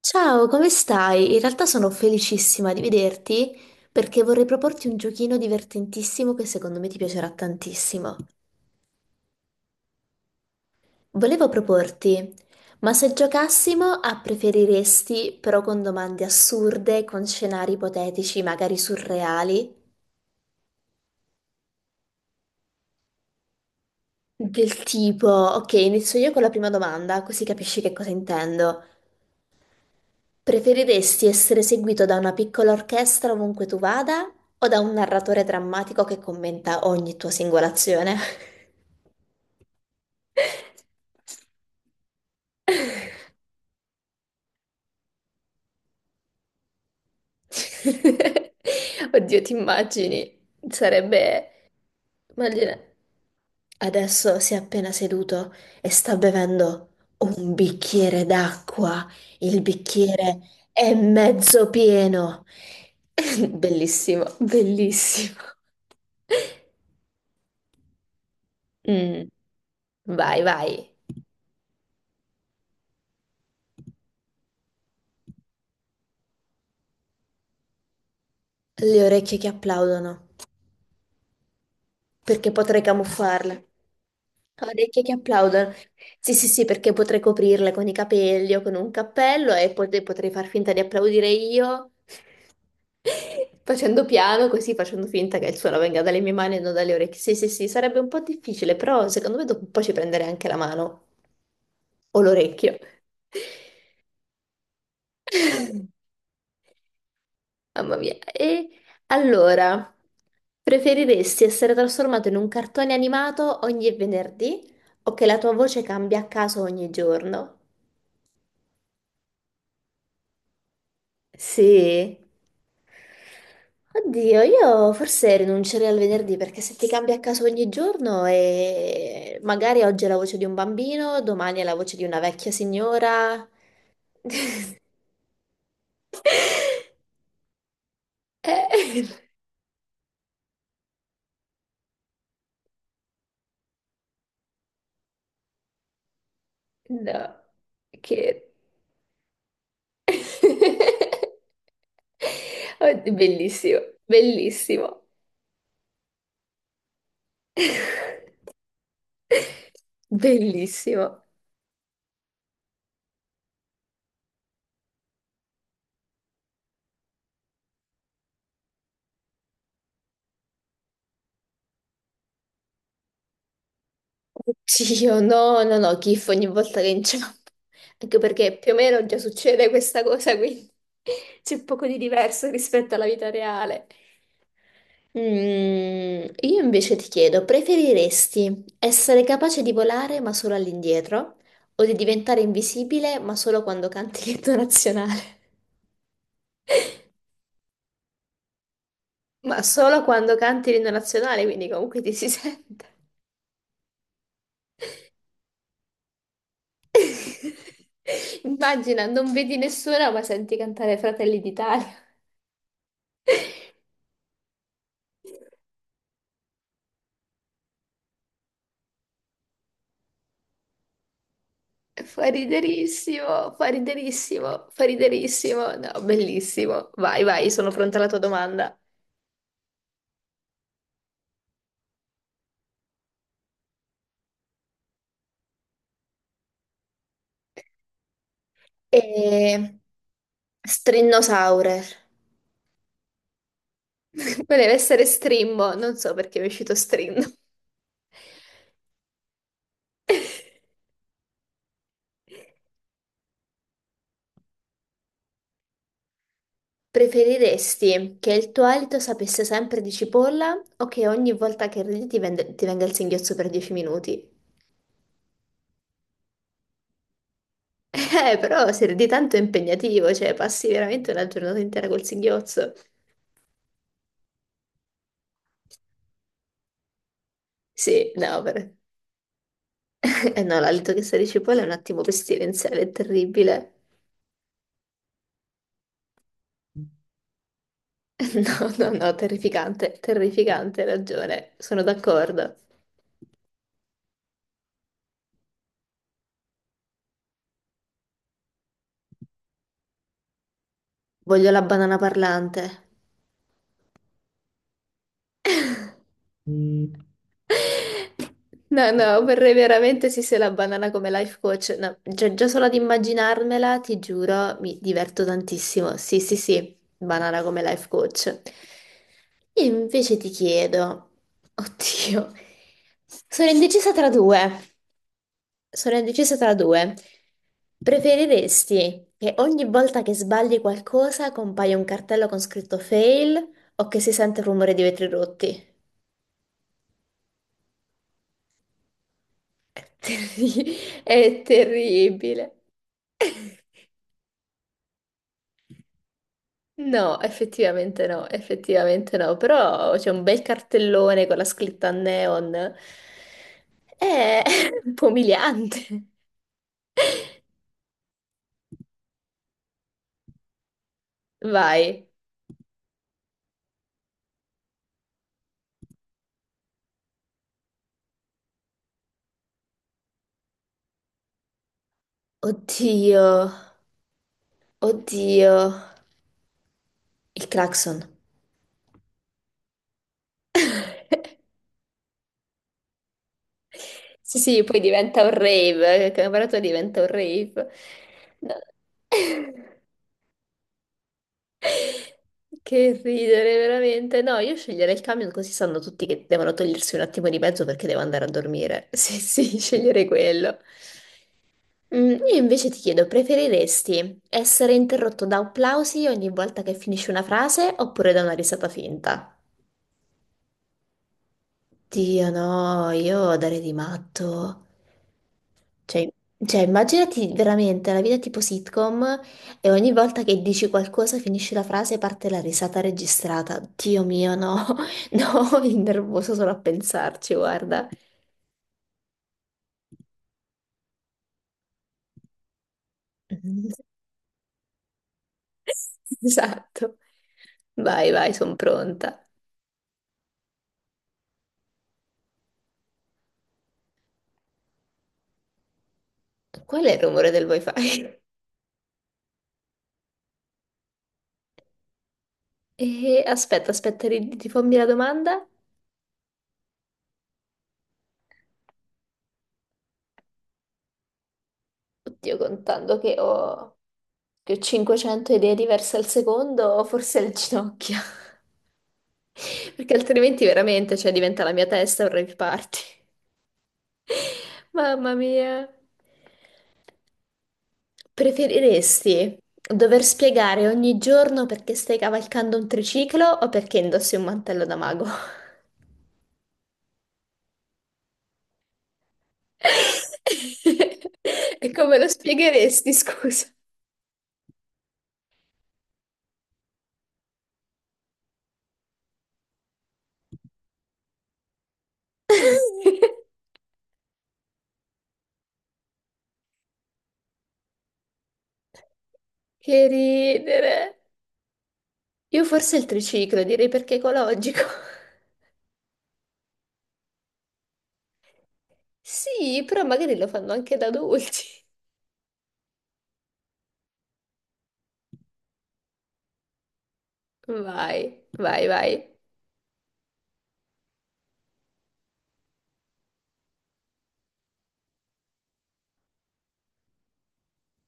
Ciao, come stai? In realtà sono felicissima di vederti perché vorrei proporti un giochino divertentissimo che secondo me ti piacerà tantissimo. Volevo proporti, ma se giocassimo a preferiresti, però con domande assurde, con scenari ipotetici, magari surreali, del tipo, ok, inizio io con la prima domanda, così capisci che cosa intendo. Preferiresti essere seguito da una piccola orchestra ovunque tu vada o da un narratore drammatico che commenta ogni tua singola azione? Oddio, ti immagini? Sarebbe... Immagina, adesso si è appena seduto e sta bevendo un bicchiere d'acqua. Il bicchiere è mezzo pieno. Bellissimo, bellissimo. Mm, vai, vai. Le orecchie che applaudono, perché potrei camuffarle. Orecchie che applaudono. Sì, sì, sì, perché potrei coprirle con i capelli o con un cappello e potrei far finta di applaudire io, facendo piano, così facendo finta che il suono venga dalle mie mani e non dalle orecchie. Sì, sì, sì, sarebbe un po' difficile, però secondo me dopo un po' ci prenderei anche la mano o l'orecchio. Mamma mia. E allora, preferiresti essere trasformato in un cartone animato ogni venerdì o che la tua voce cambia a caso ogni giorno? Sì. Oddio, io forse rinuncerei al venerdì perché se ti cambia a caso ogni giorno e magari oggi è la voce di un bambino, domani è la voce di una vecchia signora. Eh, no, che... Oh, bellissimo, bellissimo, bellissimo. Oddio, no, no, no, gif ogni volta che inciampo. Anche perché più o meno già succede questa cosa, quindi c'è poco di diverso rispetto alla vita reale. Mm, io invece ti chiedo, preferiresti essere capace di volare ma solo all'indietro o di diventare invisibile ma solo quando canti l'inno nazionale? Ma solo quando canti l'inno nazionale, quindi comunque ti si sente. Immagina, non vedi nessuno, ma senti cantare Fratelli d'Italia. Fa riderissimo, fa riderissimo, fa riderissimo. No, bellissimo. Vai, vai, sono pronta alla tua domanda. E... Strinnosaurer. Voleva essere strimbo, non so perché mi è uscito strinno. Preferiresti che il tuo alito sapesse sempre di cipolla o che ogni volta che ridi ti venga il singhiozzo per 10 minuti? Però se di tanto è impegnativo, cioè passi veramente una giornata intera col singhiozzo. Sì, no, però... Eh no, l'alito che sa di cipolla è un attimo pestilenziale, è terribile. No, no, no, terrificante, terrificante, hai ragione, sono d'accordo. Voglio la banana parlante. No, no, vorrei veramente sì se la banana come life coach. No, già, già solo ad immaginarmela, ti giuro, mi diverto tantissimo. Sì, sì, sì, banana come life coach. Io invece ti chiedo, oddio, sono indecisa tra due. Sono indecisa tra due. Preferiresti che ogni volta che sbagli qualcosa compaia un cartello con scritto fail o che si sente il rumore di vetri rotti? Terri- È terribile. No, effettivamente no, effettivamente no, però c'è un bel cartellone con la scritta a neon. È un po' umiliante. Vai. Oddio, oddio. Il clacson. Sì, sì, poi diventa un rave, il camerato diventa un rave. No. Che ridere, veramente. No, io sceglierei il camion così sanno tutti che devono togliersi un attimo di mezzo perché devo andare a dormire. Sì, sì, sceglierei quello. Mm, io invece ti chiedo, preferiresti essere interrotto da applausi ogni volta che finisci una frase oppure da una risata finta? Dio no, io darei di matto. Cioè, cioè, immaginati veramente la vita tipo sitcom e ogni volta che dici qualcosa, finisci la frase e parte la risata registrata. Dio mio, no, no, mi nervoso solo a pensarci, guarda. Esatto. Vai, vai, sono pronta. Qual è il rumore del wifi? E, aspetta, aspetta, rifammi la domanda. Oddio, che ho 500 idee diverse al secondo, forse è il ginocchio. Perché altrimenti veramente, cioè, diventa la mia testa un rave party. Mamma mia. Preferiresti dover spiegare ogni giorno perché stai cavalcando un triciclo o perché indossi un mantello da mago? E come lo spiegheresti, scusa? Che ridere. Io forse il triciclo, direi perché ecologico. Sì, però magari lo fanno anche da adulti. Vai, vai, vai.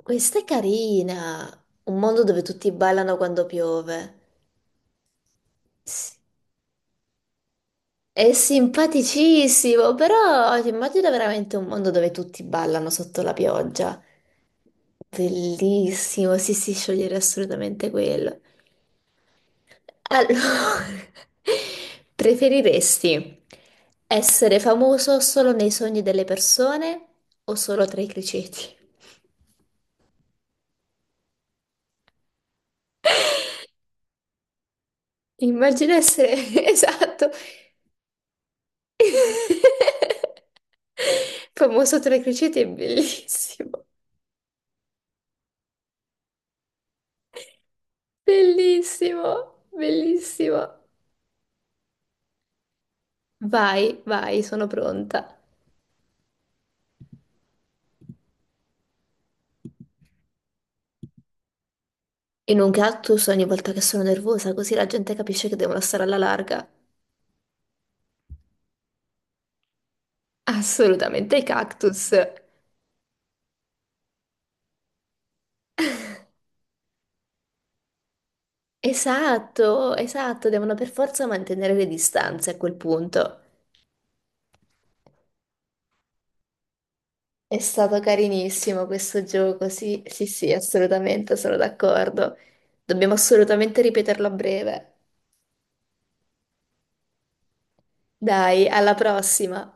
Questa è carina, un mondo dove tutti ballano quando piove. S- È simpaticissimo, però ti immagino veramente un mondo dove tutti ballano sotto la pioggia. Bellissimo, sì, sì, sciogliere assolutamente quello. Allora, preferiresti essere famoso solo nei sogni delle persone o solo tra i criceti? Immagino essere, esatto, famoso sotto le cricete è bellissimo, bellissimo, bellissimo. Vai, vai, sono pronta. E non cactus ogni volta che sono nervosa, così la gente capisce che devono stare alla larga. Assolutamente, i cactus. Esatto, esatto, devono per forza mantenere le distanze a quel punto. È stato carinissimo questo gioco, sì, sì, sì, assolutamente, sono d'accordo. Dobbiamo assolutamente ripeterlo a breve. Dai, alla prossima.